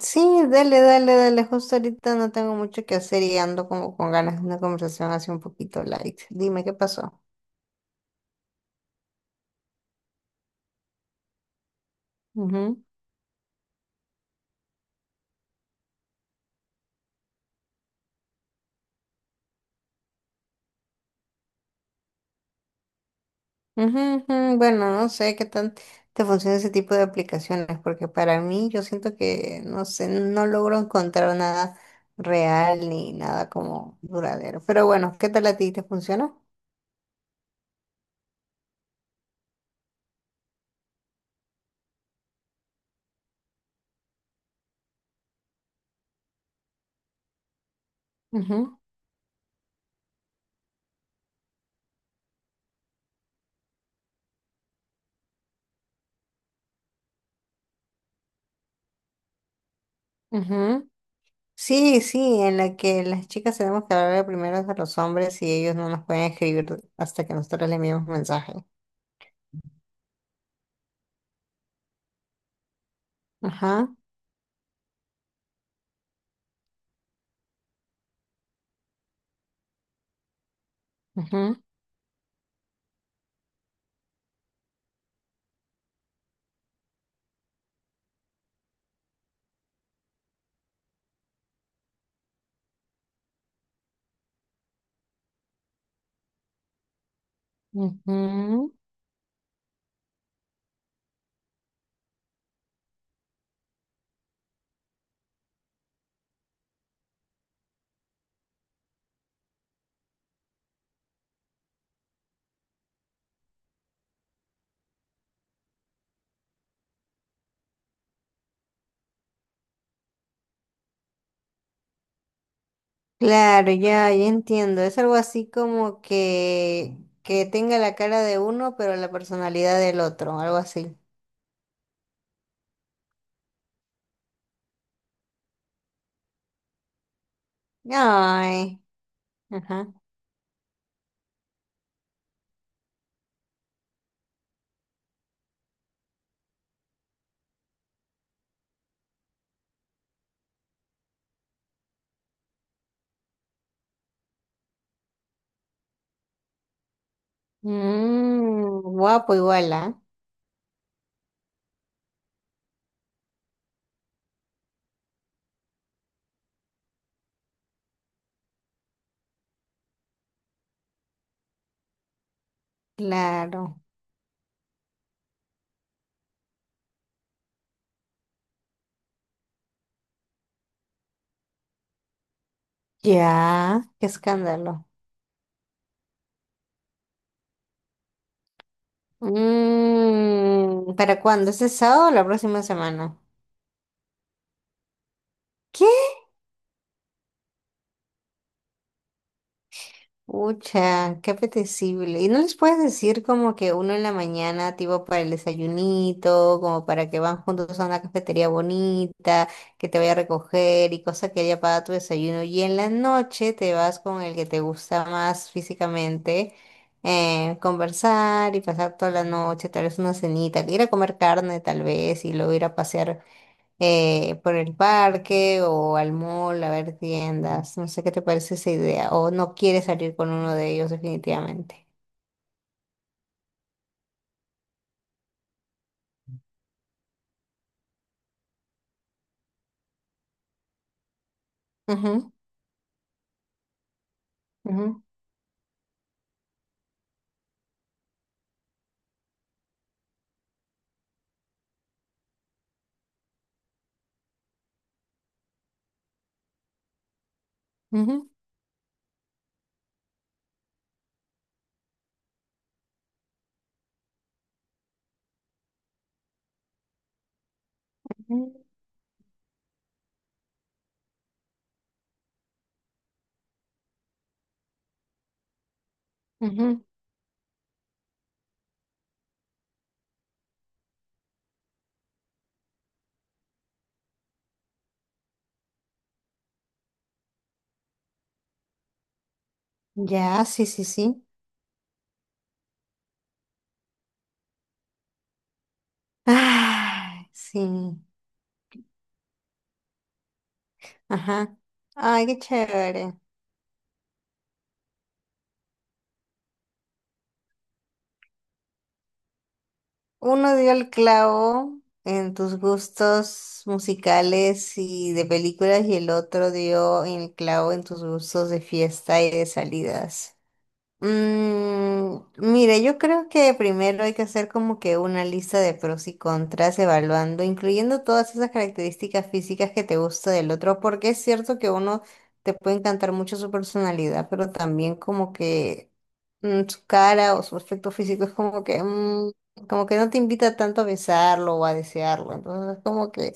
Sí, dale, dale, dale. Justo ahorita no tengo mucho que hacer y ando como con ganas de una conversación así un poquito light. Dime qué pasó. Ujú, ujú, ujú. Bueno, no sé qué tan te funciona ese tipo de aplicaciones, porque para mí yo siento que, no sé, no logro encontrar nada real ni nada como duradero. Pero bueno, ¿qué tal a ti? ¿Te funciona? Ujú, ujú. Sí, sí, en la que las chicas tenemos que hablar primero a los hombres y ellos no nos pueden escribir hasta que nosotros les enviamos mensajes. Ajá, ajá, ujú. Claro, ya, ya entiendo. Es algo así como que tenga la cara de uno, pero la personalidad del otro, algo así. Ay, ajá. Guapo igual, ¿ah? Claro. Ya, qué escándalo. ¿Para cuándo? ¿Este sábado o la próxima semana? ¿Qué? Ucha, qué apetecible. ¿Y no les puedes decir como que uno en la mañana, tipo para el desayunito, como para que van juntos a una cafetería bonita, que te vaya a recoger y cosa que haya para tu desayuno? Y en la noche te vas con el que te gusta más físicamente, conversar y pasar toda la noche, tal vez una cenita, ir a comer carne tal vez y luego ir a pasear por el parque o al mall a ver tiendas. No sé qué te parece esa idea. O no quieres salir con uno de ellos definitivamente. Ujú, ujú, ujú, ujú, ujú. Ya, sí, sí, sí. Ah, sí. Ajá. Ay, qué chévere. Uno dio el clavo en tus gustos musicales y de películas y el otro dio el clavo en tus gustos de fiesta y de salidas. Mire, yo creo que primero hay que hacer como que una lista de pros y contras, evaluando, incluyendo todas esas características físicas que te gusta del otro, porque es cierto que uno te puede encantar mucho su personalidad, pero también como que su cara o su aspecto físico es como que no te invita tanto a besarlo o a desearlo, entonces es como que.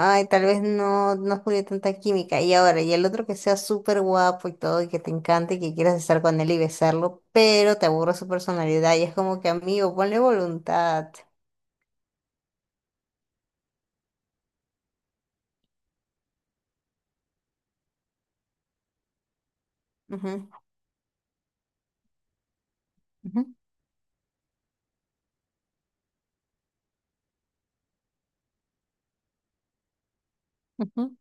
Ay, tal vez no, no jugué tanta química. Y ahora, y el otro que sea súper guapo y todo, y que te encante, y que quieras estar con él y besarlo, pero te aburre su personalidad. Y es como que, amigo, ponle voluntad. Ujú, ujú, ujú.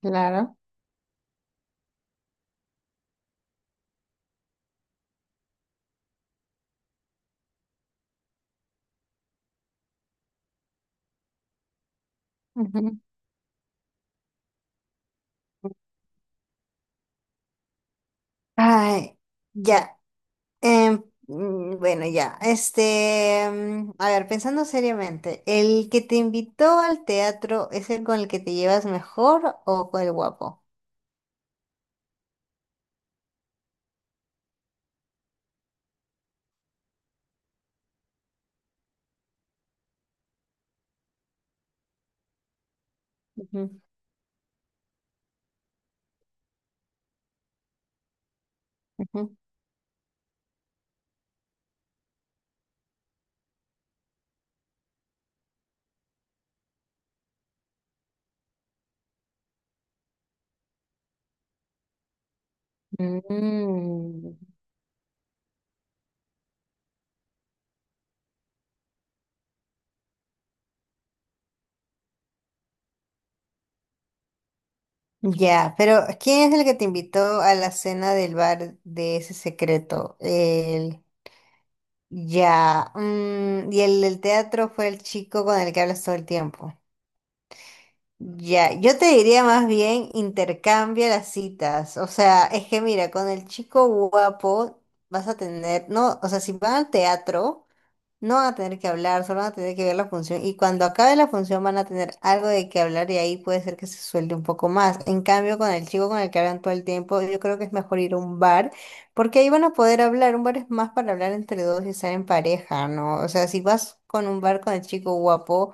Claro. Ujú. Ay, ya. Bueno, ya. A ver, pensando seriamente, ¿el que te invitó al teatro es el con el que te llevas mejor o con el guapo? Ujú, ujú. Mm. Ya, pero ¿quién es el que te invitó a la cena del bar de ese secreto? El... Ya, y el del teatro fue el chico con el que hablas todo el tiempo. Ya, yo te diría más bien intercambia las citas. O sea, es que mira, con el chico guapo vas a tener, no, o sea, si van al teatro. No van a tener que hablar, solo van a tener que ver la función y cuando acabe la función van a tener algo de que hablar y ahí puede ser que se suelte un poco más. En cambio, con el chico con el que hablan todo el tiempo, yo creo que es mejor ir a un bar porque ahí van a poder hablar. Un bar es más para hablar entre dos y estar en pareja, ¿no? O sea, si vas con un bar con el chico guapo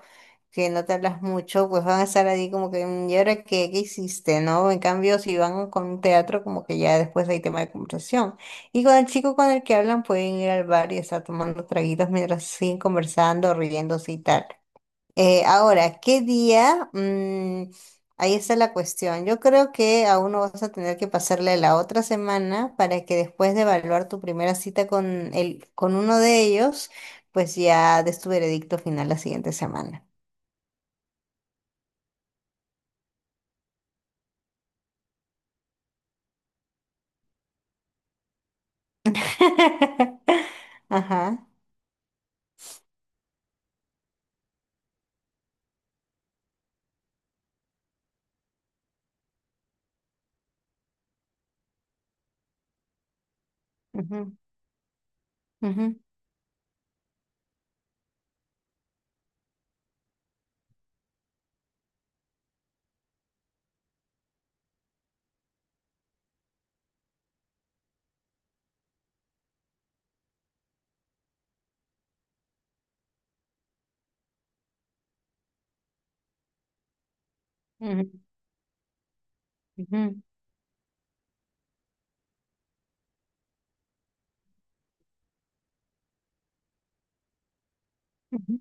que no te hablas mucho, pues van a estar ahí como que, "Mm, ¿y ahora qué, qué hiciste, no?" En cambio, si van con un teatro, como que ya después hay tema de conversación. Y con el chico con el que hablan pueden ir al bar y estar tomando traguitos mientras siguen conversando, riéndose y tal. Ahora, ¿qué día? Ahí está la cuestión. Yo creo que aún no vas a tener que pasarle la otra semana para que después de evaluar tu primera cita con con uno de ellos, pues ya des tu veredicto final la siguiente semana. Ajá. Ujú, ujú, ujú, ujú, ujú.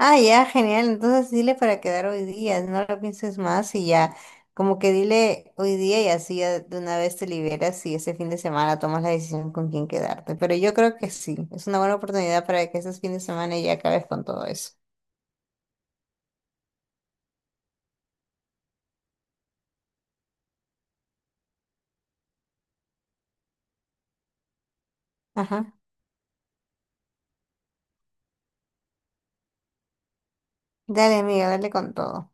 Ah, ya, genial. Entonces dile para quedar hoy día, no lo pienses más y ya, como que dile hoy día y así ya de una vez te liberas y ese fin de semana tomas la decisión con quién quedarte. Pero yo creo que sí, es una buena oportunidad para que ese fin de semana ya acabes con todo eso. Ajá. Dale, amiga, dale con todo.